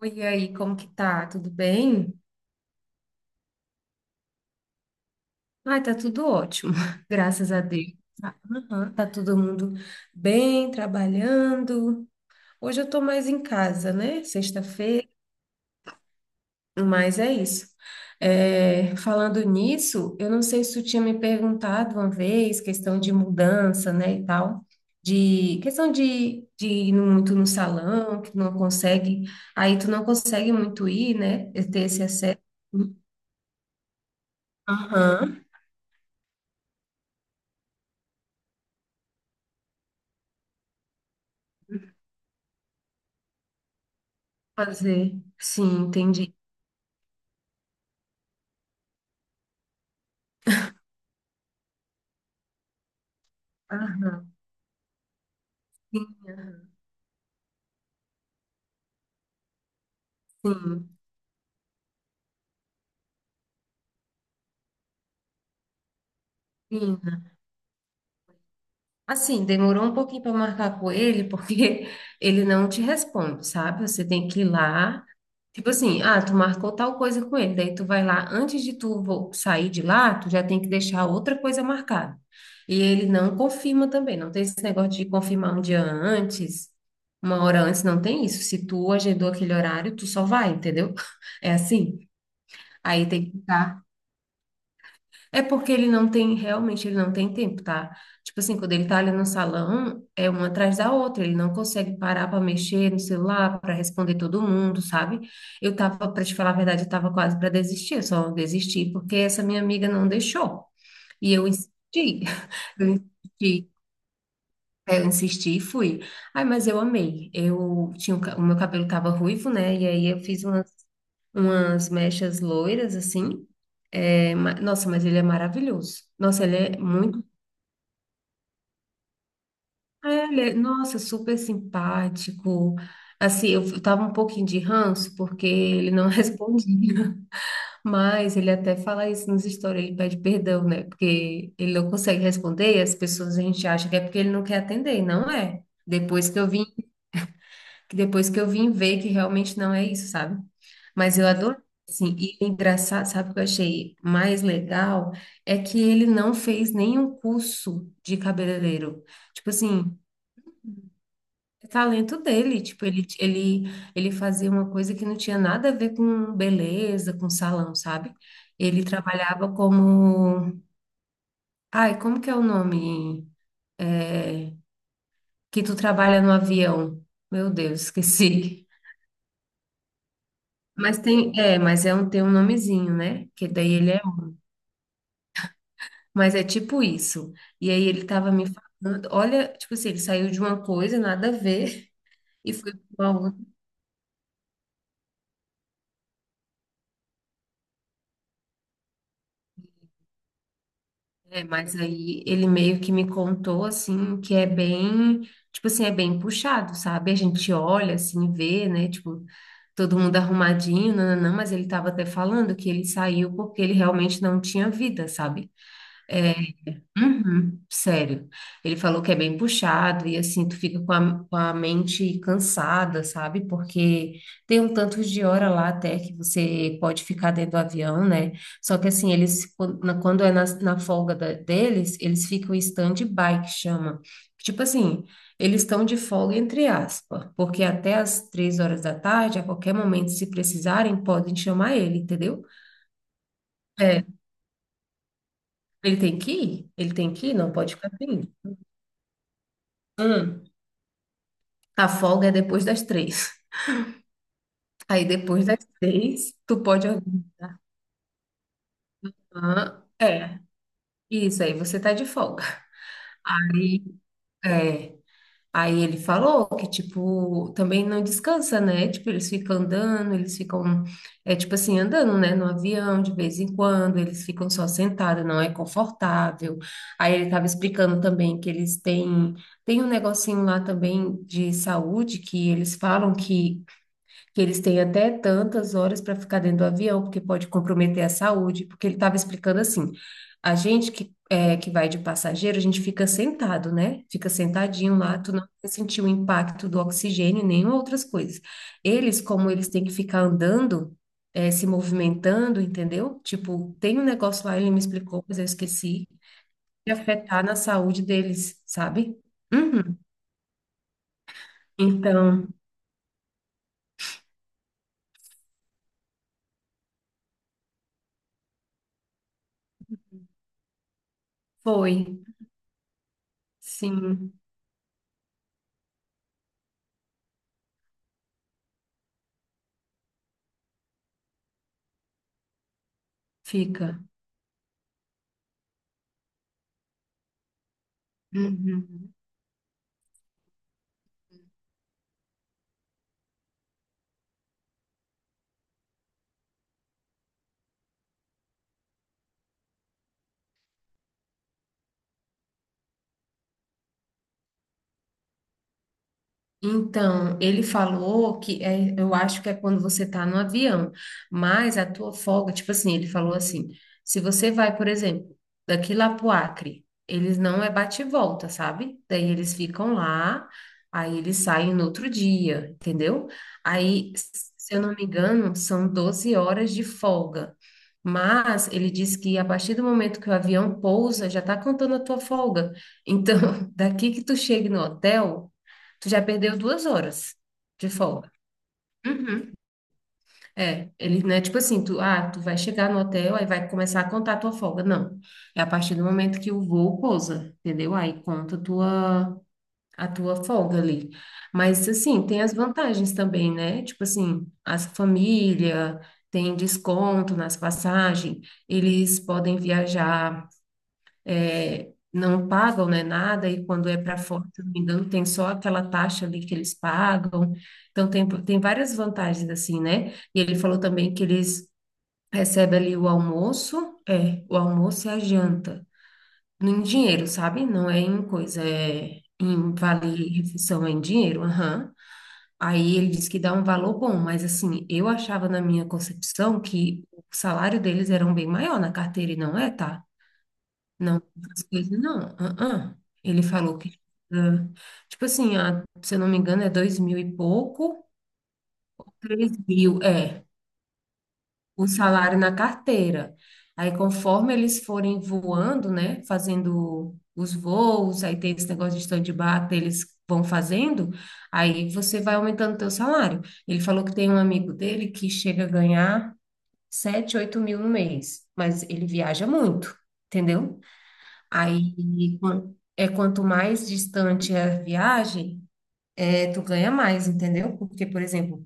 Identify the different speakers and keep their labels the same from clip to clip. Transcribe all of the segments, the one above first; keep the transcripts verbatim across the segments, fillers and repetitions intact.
Speaker 1: Oi, e aí, como que tá? Tudo bem? Ai, tá tudo ótimo, graças a Deus. Tá, aham, tá todo mundo bem, trabalhando. Hoje eu tô mais em casa, né? Sexta-feira, mas é isso. É, falando nisso, eu não sei se tu tinha me perguntado uma vez, questão de mudança, né, e tal, de questão de, de ir no- muito no salão, que não consegue, aí tu não consegue muito ir, né, ter esse acesso. Aham. Fazer. Sim, entendi. Aham. Sim, sim, sim. Assim, demorou um pouquinho para marcar com ele, porque ele não te responde, sabe? Você tem que ir lá. Tipo assim, ah, tu marcou tal coisa com ele, daí tu vai lá, antes de tu vo- sair de lá, tu já tem que deixar outra coisa marcada. E ele não confirma também, não tem esse negócio de confirmar um dia antes, uma hora antes, não tem isso. Se tu agendou aquele horário, tu só vai, entendeu? É assim. Aí tem que estar É porque ele não tem, realmente, ele não tem tempo, tá? Tipo assim, quando ele tá ali no salão, é uma atrás da outra, ele não consegue parar para mexer no celular, para responder todo mundo, sabe? Eu tava, para te falar a verdade, eu tava quase para desistir, eu só desisti porque essa minha amiga não deixou. E eu insisti. Eu insisti. é, Eu insisti e fui. Ai, mas eu amei. Eu tinha, o ca- o meu cabelo tava ruivo, né? E aí eu fiz uma umas mechas loiras, assim. É, ma- nossa, mas ele é maravilhoso. Nossa, ele é muito. é, ele é- nossa, super simpático. Assim, eu f- tava um pouquinho de ranço porque ele não respondia. Mas ele até fala isso nos stories, ele pede perdão, né? Porque ele não consegue responder e as pessoas a gente acha que é porque ele não quer atender, e não é. Depois que eu vi que depois que eu vim ver que realmente não é isso, sabe? Mas eu adorei, assim, e o engraçado, sabe o que eu achei mais legal? É que ele não fez nenhum curso de cabeleireiro. Tipo assim, é talento dele, tipo, ele, ele, ele fazia uma coisa que não tinha nada a ver com beleza, com salão, sabe? Ele trabalhava como... Ai, como que é o nome? É, que tu trabalha no avião. Meu Deus, esqueci. Mas tem, é, mas é um, tem um nomezinho, né? Que daí ele é, mas é tipo isso. E aí ele tava me falando, olha, tipo assim, ele saiu de uma coisa, nada a ver, e foi pra uma outra. É, mas aí ele meio que me contou, assim, que é bem, tipo assim, é bem puxado, sabe? A gente olha, assim, vê, né? Tipo, todo mundo arrumadinho, não, mas ele tava até falando que ele saiu porque ele realmente não tinha vida, sabe? É, uhum, sério. Ele falou que é bem puxado e assim, tu fica com a, com a mente cansada, sabe? Porque tem um tanto de hora lá até que você pode ficar dentro do avião, né? Só que assim, eles, quan- na- quando é na, na folga da- deles, eles ficam em stand-by, que chama. Tipo assim, eles estão de folga entre aspas, porque até as três horas da tarde, a qualquer momento, se precisarem, podem chamar ele, entendeu? É, ele tem que ir, ele tem que ir, não pode ficar sem ir. A folga é depois das três. Aí depois das três, tu pode organizar. É, isso aí, você tá de folga. Aí, é. Aí ele falou que, tipo, também não descansa, né? Tipo, eles ficam andando, eles ficam, é tipo assim, andando, né? No avião, de vez em quando, eles ficam só sentados, não é confortável. Aí ele tava explicando também que eles têm, tem um negocinho lá também de saúde que eles falam que que eles têm até tantas horas para ficar dentro do avião, porque pode comprometer a saúde, porque ele estava explicando assim, a gente que, é, que vai de passageiro, a gente fica sentado, né? Fica sentadinho lá, tu não vai sentir o impacto do oxigênio, nem outras coisas. Eles, como eles têm que ficar andando, é, se movimentando, entendeu? Tipo, tem um negócio lá, ele me explicou, mas eu esqueci, de afetar na saúde deles, sabe? Uhum. Então, foi. Sim, fica. Uhum. Então, ele falou que é, eu acho que é quando você está no avião, mas a tua folga, tipo assim, ele falou assim, se você vai, por exemplo, daqui lá pro Acre, eles não é bate e volta, sabe? Daí eles ficam lá, aí eles saem no outro dia, entendeu? Aí, se eu não me engano, são doze horas de folga. Mas ele diz que a partir do momento que o avião pousa, já está contando a tua folga. Então, daqui que tu chegue no hotel, tu já perdeu duas horas de folga. Uhum. É, ele não é tipo assim, tu, ah, tu vai chegar no hotel, aí vai começar a contar a tua folga. Não. É a partir do momento que o voo pousa, entendeu? Aí conta a tua, a tua folga ali. Mas, assim, tem as vantagens também, né? Tipo assim, as família tem desconto nas passagens, eles podem viajar é, não pagam, né, nada, e quando é para fora, se não me engano, tem só aquela taxa ali que eles pagam. Então, tem, tem várias vantagens, assim, né? E ele falou também que eles recebem ali o almoço, é, o almoço e a janta, em dinheiro, sabe? Não é em coisa, é em vale-refeição, é em dinheiro, aham. Aí ele disse que dá um valor bom, mas assim, eu achava na minha concepção que o salário deles era um bem maior na carteira, e não é, tá? Não, essas coisas não. Ah, ah. Ele falou que, ah, tipo assim, ah, se eu não me engano, é dois mil e pouco, três mil, é, o salário na carteira. Aí, conforme eles forem voando, né, fazendo os voos, aí tem esse negócio de stand-by, que eles vão fazendo, aí você vai aumentando o teu salário. Ele falou que tem um amigo dele que chega a ganhar sete, oito mil no mês, mas ele viaja muito, entendeu? Aí, quan- é quanto mais distante é a viagem, é, tu ganha mais, entendeu? Porque, por exemplo,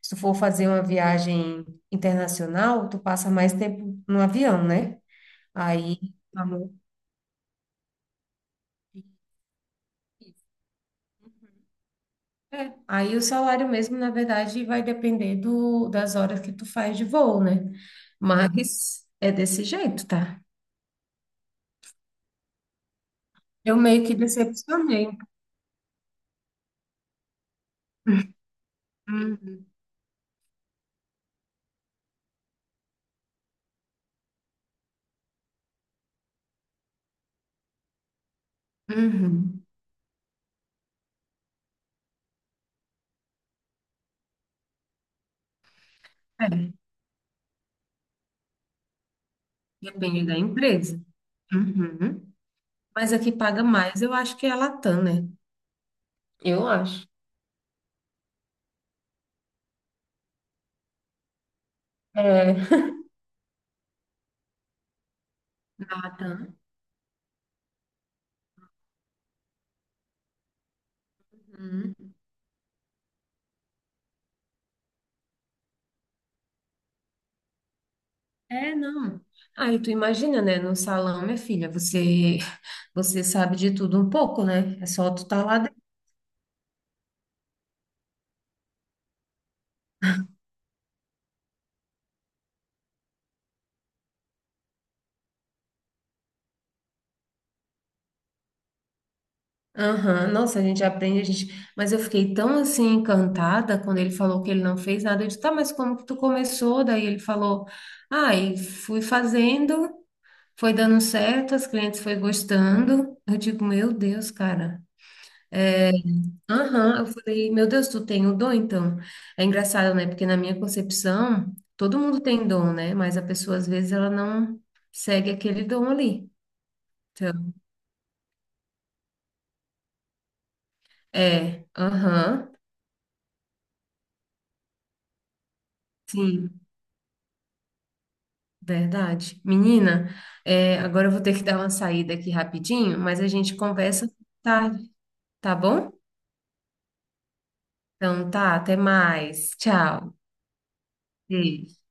Speaker 1: se tu for fazer uma viagem internacional, tu passa mais tempo no avião, né? Aí, amor, é, aí o salário mesmo, na verdade, vai depender do, das horas que tu faz de voo, né? Mas é desse jeito, tá? Eu meio que decepcionei. Hum, Uhum. É, depende da empresa. Uhum. Mas a que paga mais, eu acho que é a Latam, né? Eu acho. É. A Latam. Uhum. É, não. Aí tu imagina, né? No salão, minha filha, você você sabe de tudo um pouco, né? É só tu tá lá dentro. Aham, nossa, a gente aprende, a gente... Mas eu fiquei tão, assim, encantada quando ele falou que ele não fez nada. Eu disse, tá, mas como que tu começou? Daí ele falou, ah, e fui fazendo, foi dando certo, as clientes foi gostando. Eu digo, meu Deus, cara. É, aham, eu falei, meu Deus, tu tem o dom, então. É engraçado, né? Porque na minha concepção, todo mundo tem dom, né? Mas a pessoa, às vezes, ela não segue aquele dom ali. Então, é, aham, sim, verdade. Menina, é, agora eu vou ter que dar uma saída aqui rapidinho, mas a gente conversa tarde, tá bom? Então tá, até mais. Tchau. Beijo.